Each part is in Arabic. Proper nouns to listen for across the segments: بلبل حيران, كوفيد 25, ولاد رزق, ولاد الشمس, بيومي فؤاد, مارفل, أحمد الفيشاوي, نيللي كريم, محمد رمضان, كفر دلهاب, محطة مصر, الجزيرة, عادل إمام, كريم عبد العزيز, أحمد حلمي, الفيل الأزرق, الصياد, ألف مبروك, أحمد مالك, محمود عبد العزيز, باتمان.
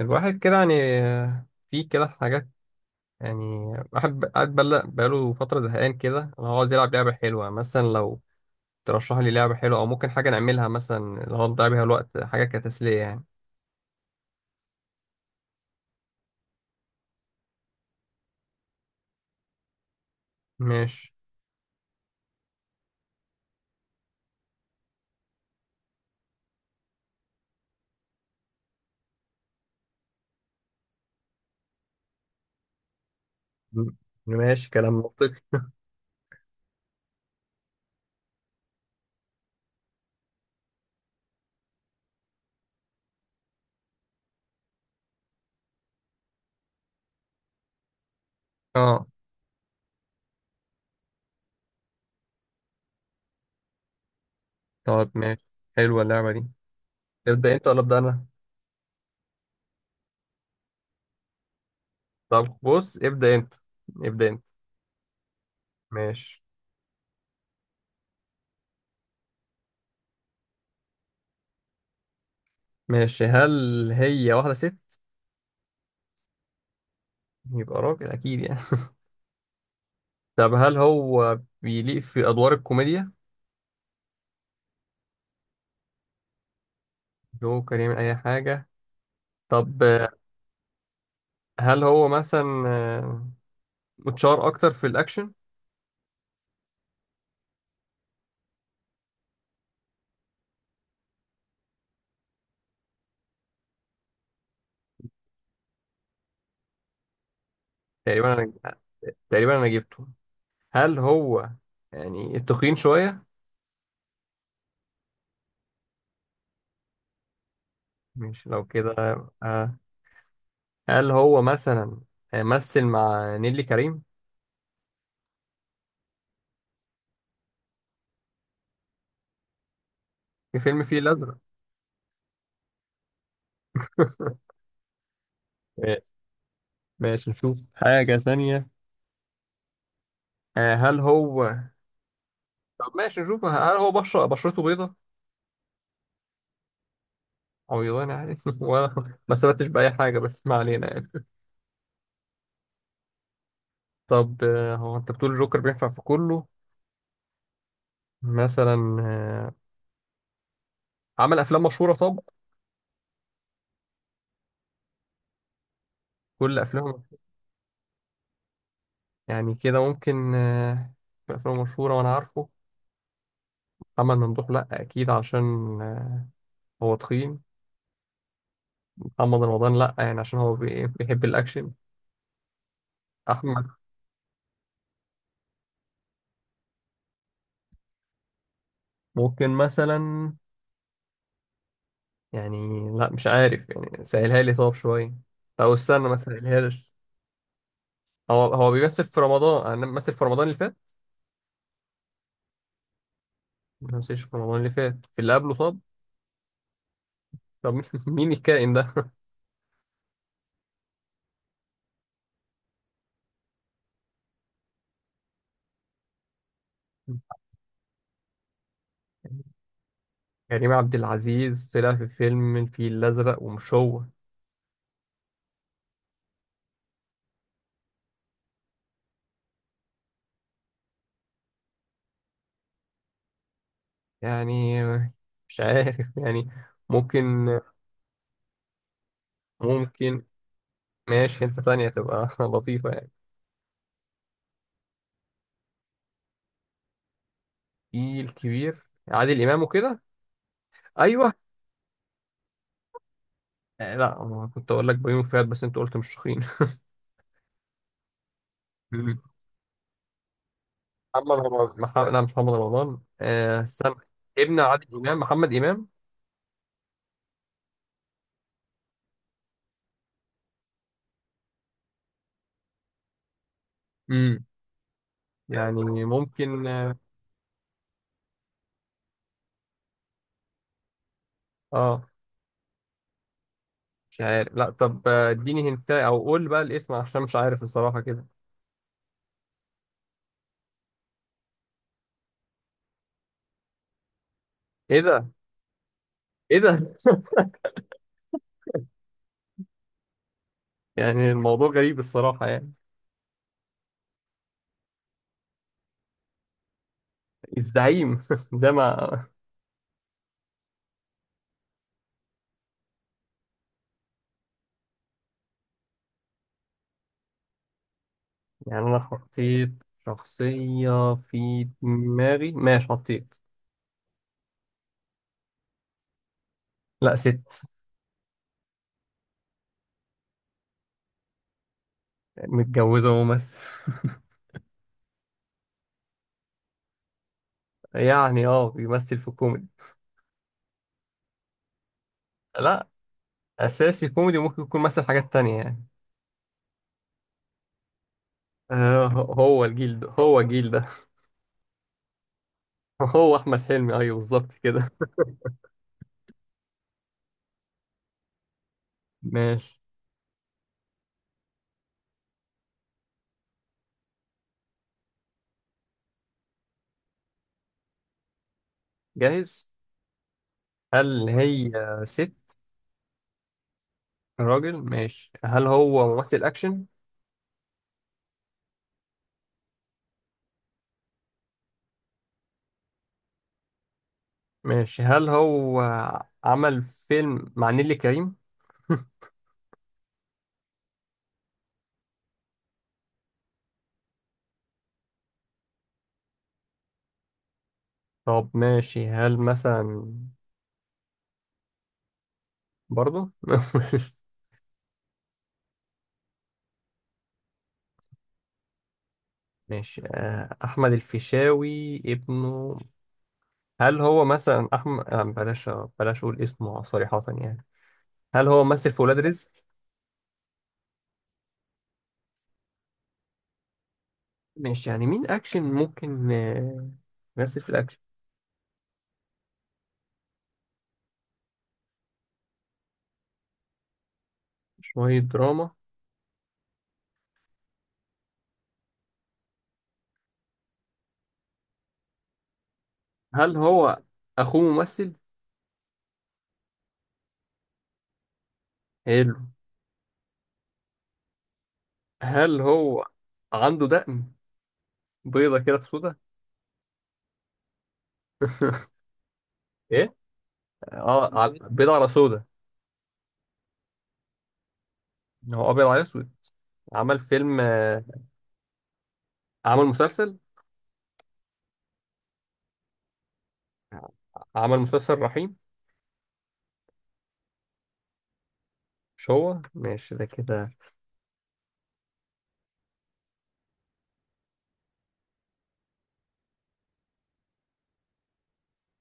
الواحد كده يعني، في كده حاجات يعني. واحد قاعد بقاله فترة زهقان كده، أنا عاوز يلعب لعبة حلوة مثلا. لو ترشح لي لعبة حلوة أو ممكن حاجة نعملها مثلا اللي هو نضيع بيها الوقت، حاجة كتسلية يعني. ماشي. م- ماشي كلام منطقي. اه طب ماشي، حلوة اللعبة دي. ابدأ أنت ولا أبدأ أنا؟ طب بص، ابدأ أنت، ابدأ أنت. ماشي. ماشي، هل هي واحدة ست؟ يبقى راجل أكيد يعني. طب هل هو بيليق في أدوار الكوميديا؟ اللي هو كان يعمل أي حاجة. طب، هل هو مثلا متشار اكتر في الاكشن؟ تقريبا انا، تقريبا انا جبته. هل هو يعني التخين شويه؟ مش لو كده. آه، هل هو مثلا مثل مع نيلي كريم في فيلم فيه الازرق؟ آه، ماشي نشوف حاجه ثانيه. هل هو، طب ماشي نشوف، هل هو بشرة بشرته بيضة؟ عويضانة يعني ولا ما استفدتش بأي حاجة، بس ما علينا يعني. طب هو أنت بتقول الجوكر بينفع في كله؟ مثلا عمل افلام مشهوره؟ طب، كل افلامه؟ يعني كده ممكن. في افلام مشهوره وانا عارفه. محمد ممدوح لا، اكيد عشان هو تخين. محمد رمضان لا، يعني عشان هو بيحب الاكشن. احمد، ممكن مثلا، يعني لا مش عارف، يعني سهلها لي طب شويه، او استنى ما سهلهالش. هو، هو بيمثل في رمضان؟ انا بمثل في رمضان اللي فات؟ ما بمثلش في رمضان اللي فات؟ في اللي قبله طب؟ طب مين مين الكائن ده؟ كريم عبد العزيز طلع في فيلم الفيل الأزرق، ومش هو؟ يعني مش عارف يعني. ممكن، ممكن. ماشي، انت ثانية تبقى لطيفة يعني. في الكبير، عادل إمام وكده؟ أيوه. لا، هو كنت أقول لك بيومي فؤاد بس أنت قلت مش شخين محمد رمضان، لا، مش محمد رمضان، آه استنى. ابن عادل إمام، محمد إمام. امم، يعني ممكن اه. آه، مش عارف، لا. طب اديني هنتا أو قول بقى الاسم، عشان مش عارف الصراحة كده. إيه ده؟ إيه ده؟ يعني الموضوع غريب الصراحة يعني. الزعيم ده ما. يعني انا حطيت شخصية في دماغي. ماشي، حطيت. لا، ست. متجوزة وممثل. يعني اه، بيمثل في الكوميدي. لا، اساسي كوميدي، ممكن يكون مثل حاجات تانية يعني. آه، هو الجيل ده، هو الجيل ده. هو احمد حلمي، ايوه بالظبط كده. ماشي. جاهز. هل هي ست؟ راجل، ماشي. هل هو ممثل اكشن؟ ماشي. هل هو عمل فيلم مع نيللي كريم؟ طب ماشي، هل مثلا؟ برضه ماشي، أحمد الفيشاوي ابنه؟ هل هو مثلا أحمد، بلاش، بلاش أقول اسمه صريحة يعني. هل هو مثل في ولاد رزق؟ ماشي، يعني مين أكشن ممكن يمثل في الأكشن. شوية دراما. هل هو أخوه ممثل؟ حلو. هل هو عنده دقن بيضة كده في سودا؟ إيه؟ بيضة على سودا. هو أبيض على أسود؟ عمل فيلم عمل مسلسل. عمل مسلسل رحيم؟ مش هو، ماشي ده كده.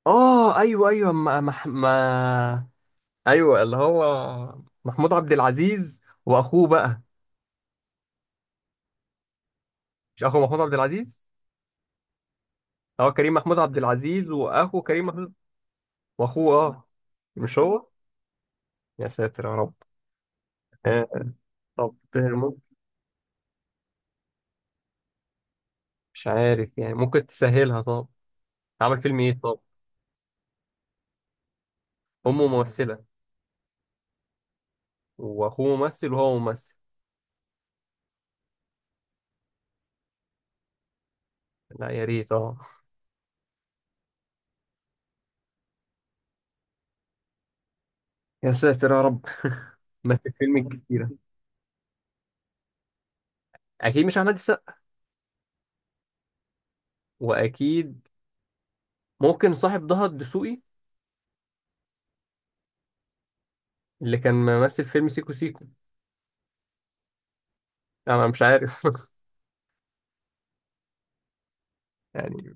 اه ايوه ايوه، ما. ايوه اللي هو محمود عبد العزيز، واخوه بقى. مش اخو محمود عبد العزيز؟ هو كريم محمود عبد العزيز، واخو كريم محمود، واخوه اه. مش هو؟ يا ساتر يا رب. آه، طب ممكن. مش عارف يعني، ممكن تسهلها طب. عمل فيلم ايه طب؟ امه ممثلة. واخوه ممثل، وهو ممثل. لا يا ريت، اه. يا ساتر يا رب، مثل فيلم كتيرة. اكيد مش احمد السقا. واكيد، ممكن صاحب ضهى الدسوقي؟ اللي كان ممثل فيلم سيكو سيكو. انا مش عارف يعني.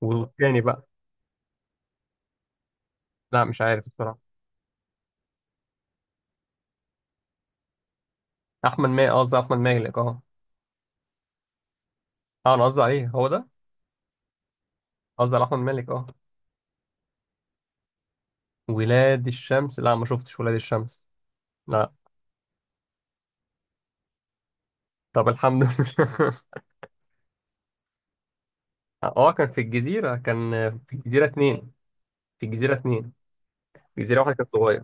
والتاني بقى؟ لا مش عارف بصراحه. احمد مالك، قصدي احمد مالك، اه. اه، انا قصدي عليه، هو ده. قصدي على احمد مالك، اه. ولاد الشمس؟ لا، ما شفتش ولاد الشمس، لا. طب الحمد لله. اه، كان في الجزيره، كان في الجزيره اتنين، في الجزيره اتنين، في الجزيره واحد كان صغير.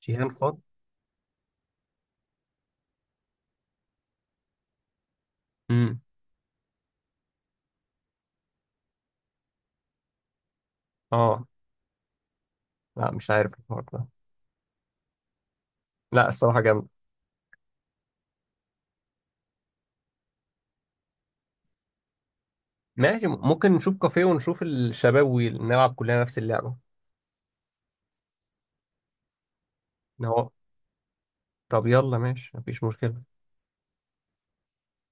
شيهان فاضل. امم. اه لا، مش عارف الحوار ده. لا الصراحه جامد. ماشي، ممكن نشوف كافيه ونشوف الشباب ونلعب كلنا نفس اللعبه. هو، طب يلا ماشي، مفيش مشكلة.